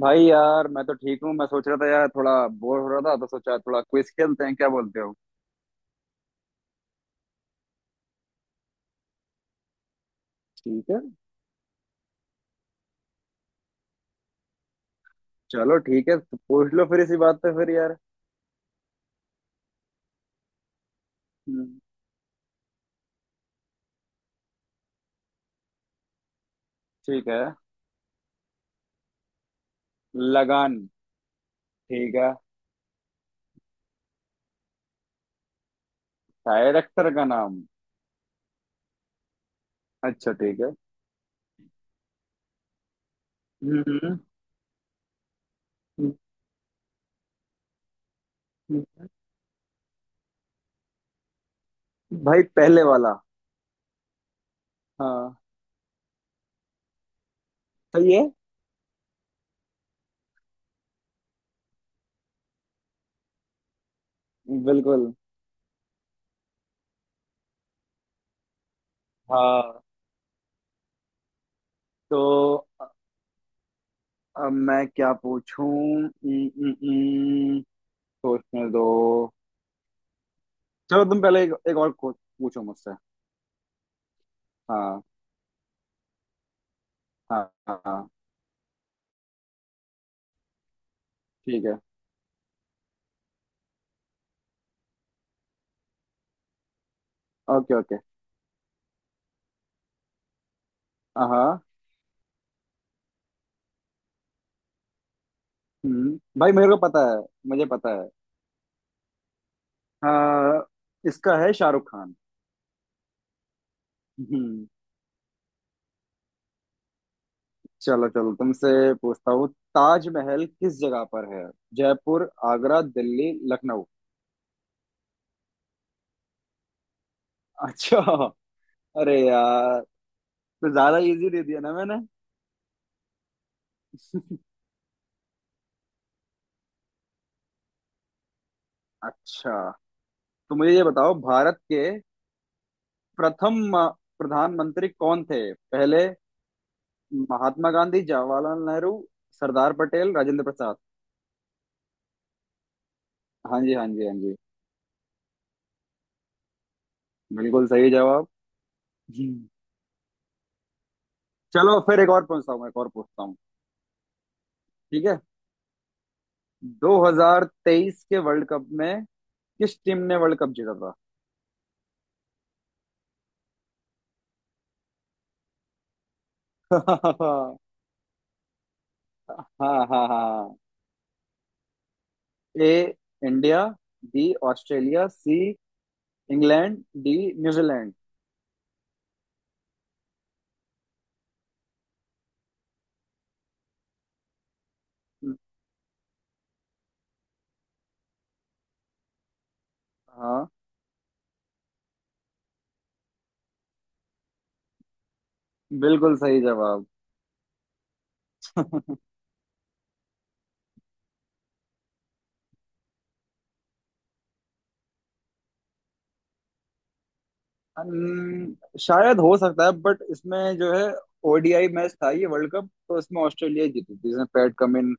भाई यार, मैं तो ठीक हूँ। मैं सोच रहा था यार, थोड़ा बोर हो रहा था तो सोचा थोड़ा क्विज खेलते हैं, क्या बोलते हो? ठीक है। चलो ठीक है, तो पूछ लो फिर इसी बात पे फिर यार। हम्म, ठीक है। लगान। ठीक है। डायरेक्टर का नाम? अच्छा ठीक है। हम्म। हम्म, भाई पहले वाला। हाँ, सही है। बिल्कुल। हाँ। तो अ- अब मैं क्या पूछूं? उम, उम, उम, सोचने दो। चलो, तुम पहले एक और पूछो मुझसे। हाँ हाँ। हाँ हाँ। ठीक है। Okay okay. हाँ। भाई, मेरे को पता है। मुझे पता है। हाँ। इसका है शाहरुख खान। हम्म। चलो चलो, तुमसे पूछता हूँ। ताजमहल किस जगह पर है? जयपुर, आगरा, दिल्ली, लखनऊ। अच्छा। अरे यार, तो ज्यादा इजी दे दिया ना मैंने। अच्छा, तो मुझे ये बताओ, भारत के प्रथम प्रधानमंत्री कौन थे? पहले? महात्मा गांधी, जवाहरलाल नेहरू, सरदार पटेल, राजेंद्र प्रसाद। हाँ जी, हाँ जी, हाँ जी। बिल्कुल सही जवाब। जी। चलो फिर एक और पूछता हूँ। ठीक है। 2023 के वर्ल्ड कप में किस टीम ने वर्ल्ड कप जीता था? हाँ हाँ हाँ। A India, B Australia, C England, D New Zealand. हाँ। बिल्कुल सही जवाब। शायद हो सकता है, बट इसमें जो है ओडीआई मैच था ये वर्ल्ड कप, तो इसमें ऑस्ट्रेलिया जीती थी जिसमें Pat Cummins,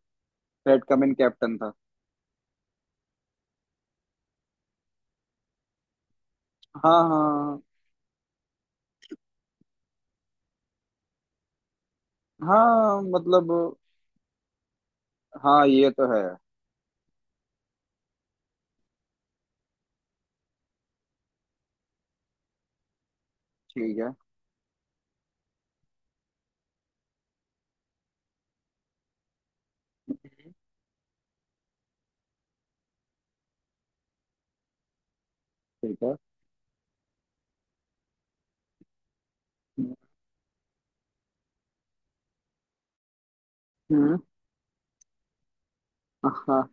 Pat Cummins captain था। हाँ हाँ। हाँ हाँ, मतलब हाँ, ये तो है। ठीक है। ठीक है। हम्म। हाँ।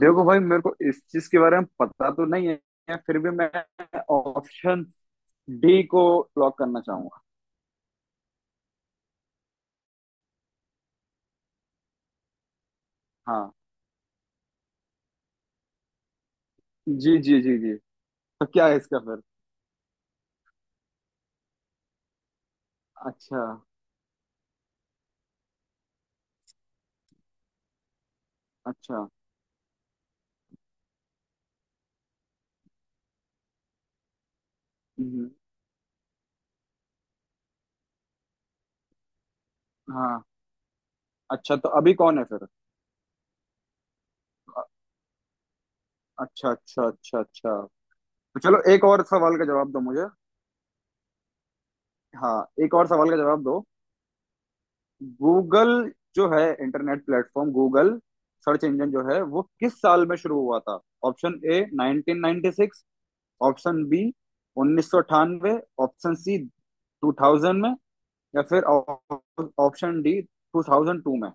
देखो भाई, मेरे को इस चीज के बारे में पता तो नहीं है, फिर भी मैं ऑप्शन डी को लॉक करना चाहूंगा। हाँ। जी जी जी जी। तो क्या है इसका फिर? अच्छा। अच्छा। हम्म, हाँ। अच्छा, तो अभी कौन है फिर? अ- अच्छा अच्छा अच्छा अच्छा। तो चलो, एक और सवाल का जवाब दो मुझे। हाँ। एक और सवाल का जवाब दो। गूगल जो है, internet platform Google, search engine जो है वो किस साल में शुरू हुआ था? Option A 1996, option B 1998, option C 2000 में, या फिर ऑप्शन डी 2002 में।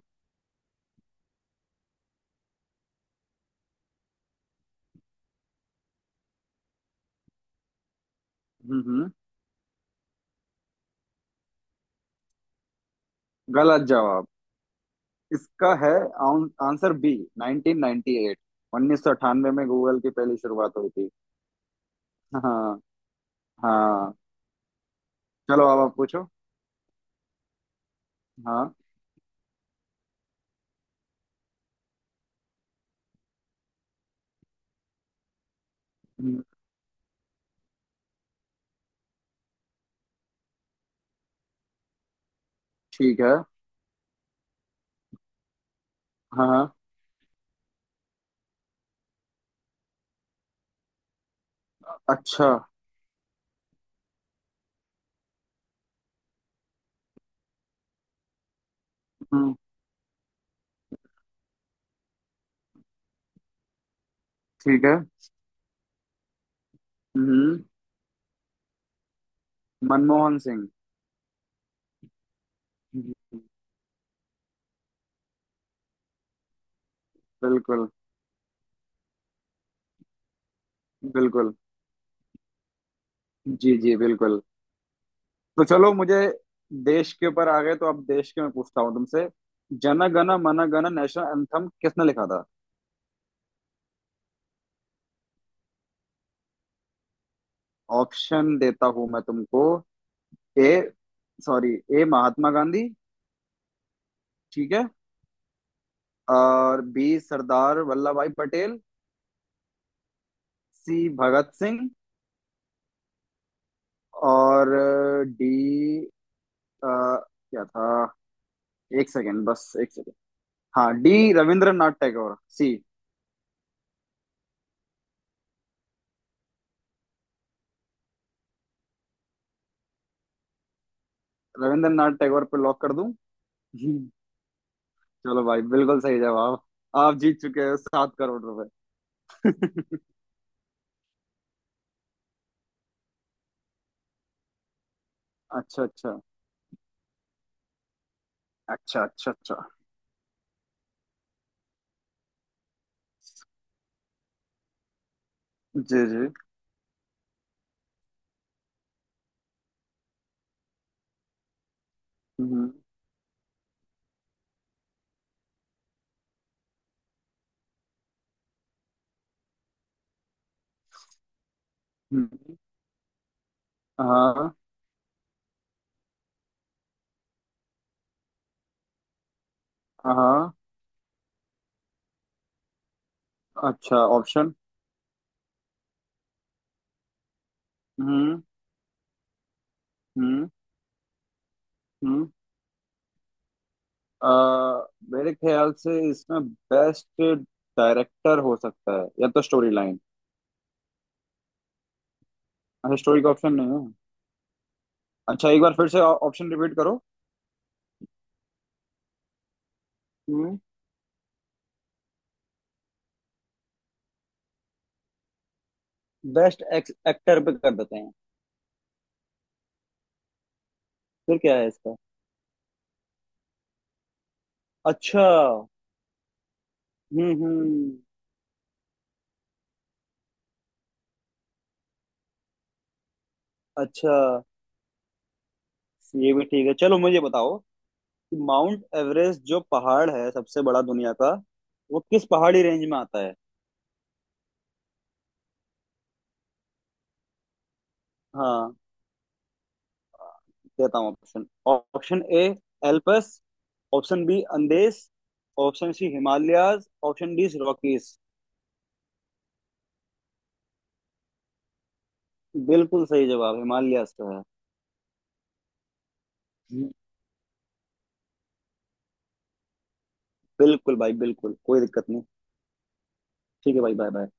हम्म। गलत जवाब। इसका है आंसर बी 1998। उन्नीस सौ अट्ठानवे में गूगल की पहली शुरुआत हुई थी। हाँ। हाँ। चलो अब आप पूछो। हाँ। हम्म, ठीक है। हाँ। अच्छा। हम्म, ठीक है। हम्म। मनमोहन सिंह। हम्म। बिल्कुल। बिल्कुल। जी जी, बिल्कुल। तो चलो मुझे, देश के ऊपर आ गए तो अब देश के मैं पूछता हूँ तुमसे। जन गण मन गण नेशनल एंथम किसने लिखा था? ऑप्शन देता हूँ मैं तुमको। A. Sorry. A Mahatma Gandhi. ठीक है। और बी सरदार वल्लभ भाई पटेल। सी भगत सिंह। और डी क्या था? एक सेकेंड, बस एक। हाँ, डी रविंद्रनाथ टैगोर, सी। रविंद्रनाथ टैगोर पे लॉक कर दूं? हम्म, चलो भाई, बिल्कुल सही जवाब। आप जीत चुके हो 7 करोड़ रुपए। अच्छा अच्छा अच्छा अच्छा। अच्छा। जी जी। हम्म। हम्म, हाँ हाँ। अच्छा, ऑप्शन। हम्म हम्म हम्म। अ, मेरे ख्याल से इसमें बेस्ट डायरेक्टर हो सकता है, या तो स्टोरी लाइन। अच्छा, स्टोरी का ऑप्शन नहीं है। अच्छा, एक बार फिर से ऑप्शन रिपीट करो। हम्म। बेस्ट एक्टर पे कर देते हैं। फिर क्या है इसका? अच्छा। हम्म। अच्छा, ये भी ठीक है। चलो मुझे बताओ कि माउंट एवरेस्ट जो पहाड़ है सबसे बड़ा दुनिया का, वो किस पहाड़ी रेंज में आता है? हाँ। देता हूँ option. Option A Alps, option B Andes, option C Himalayas, option D Rockies. बिल्कुल सही जवाब, हिमालयाज का है। हम्म। बिल्कुल भाई, बिल्कुल कोई दिक्कत नहीं। ठीक है भाई, बाय बाय।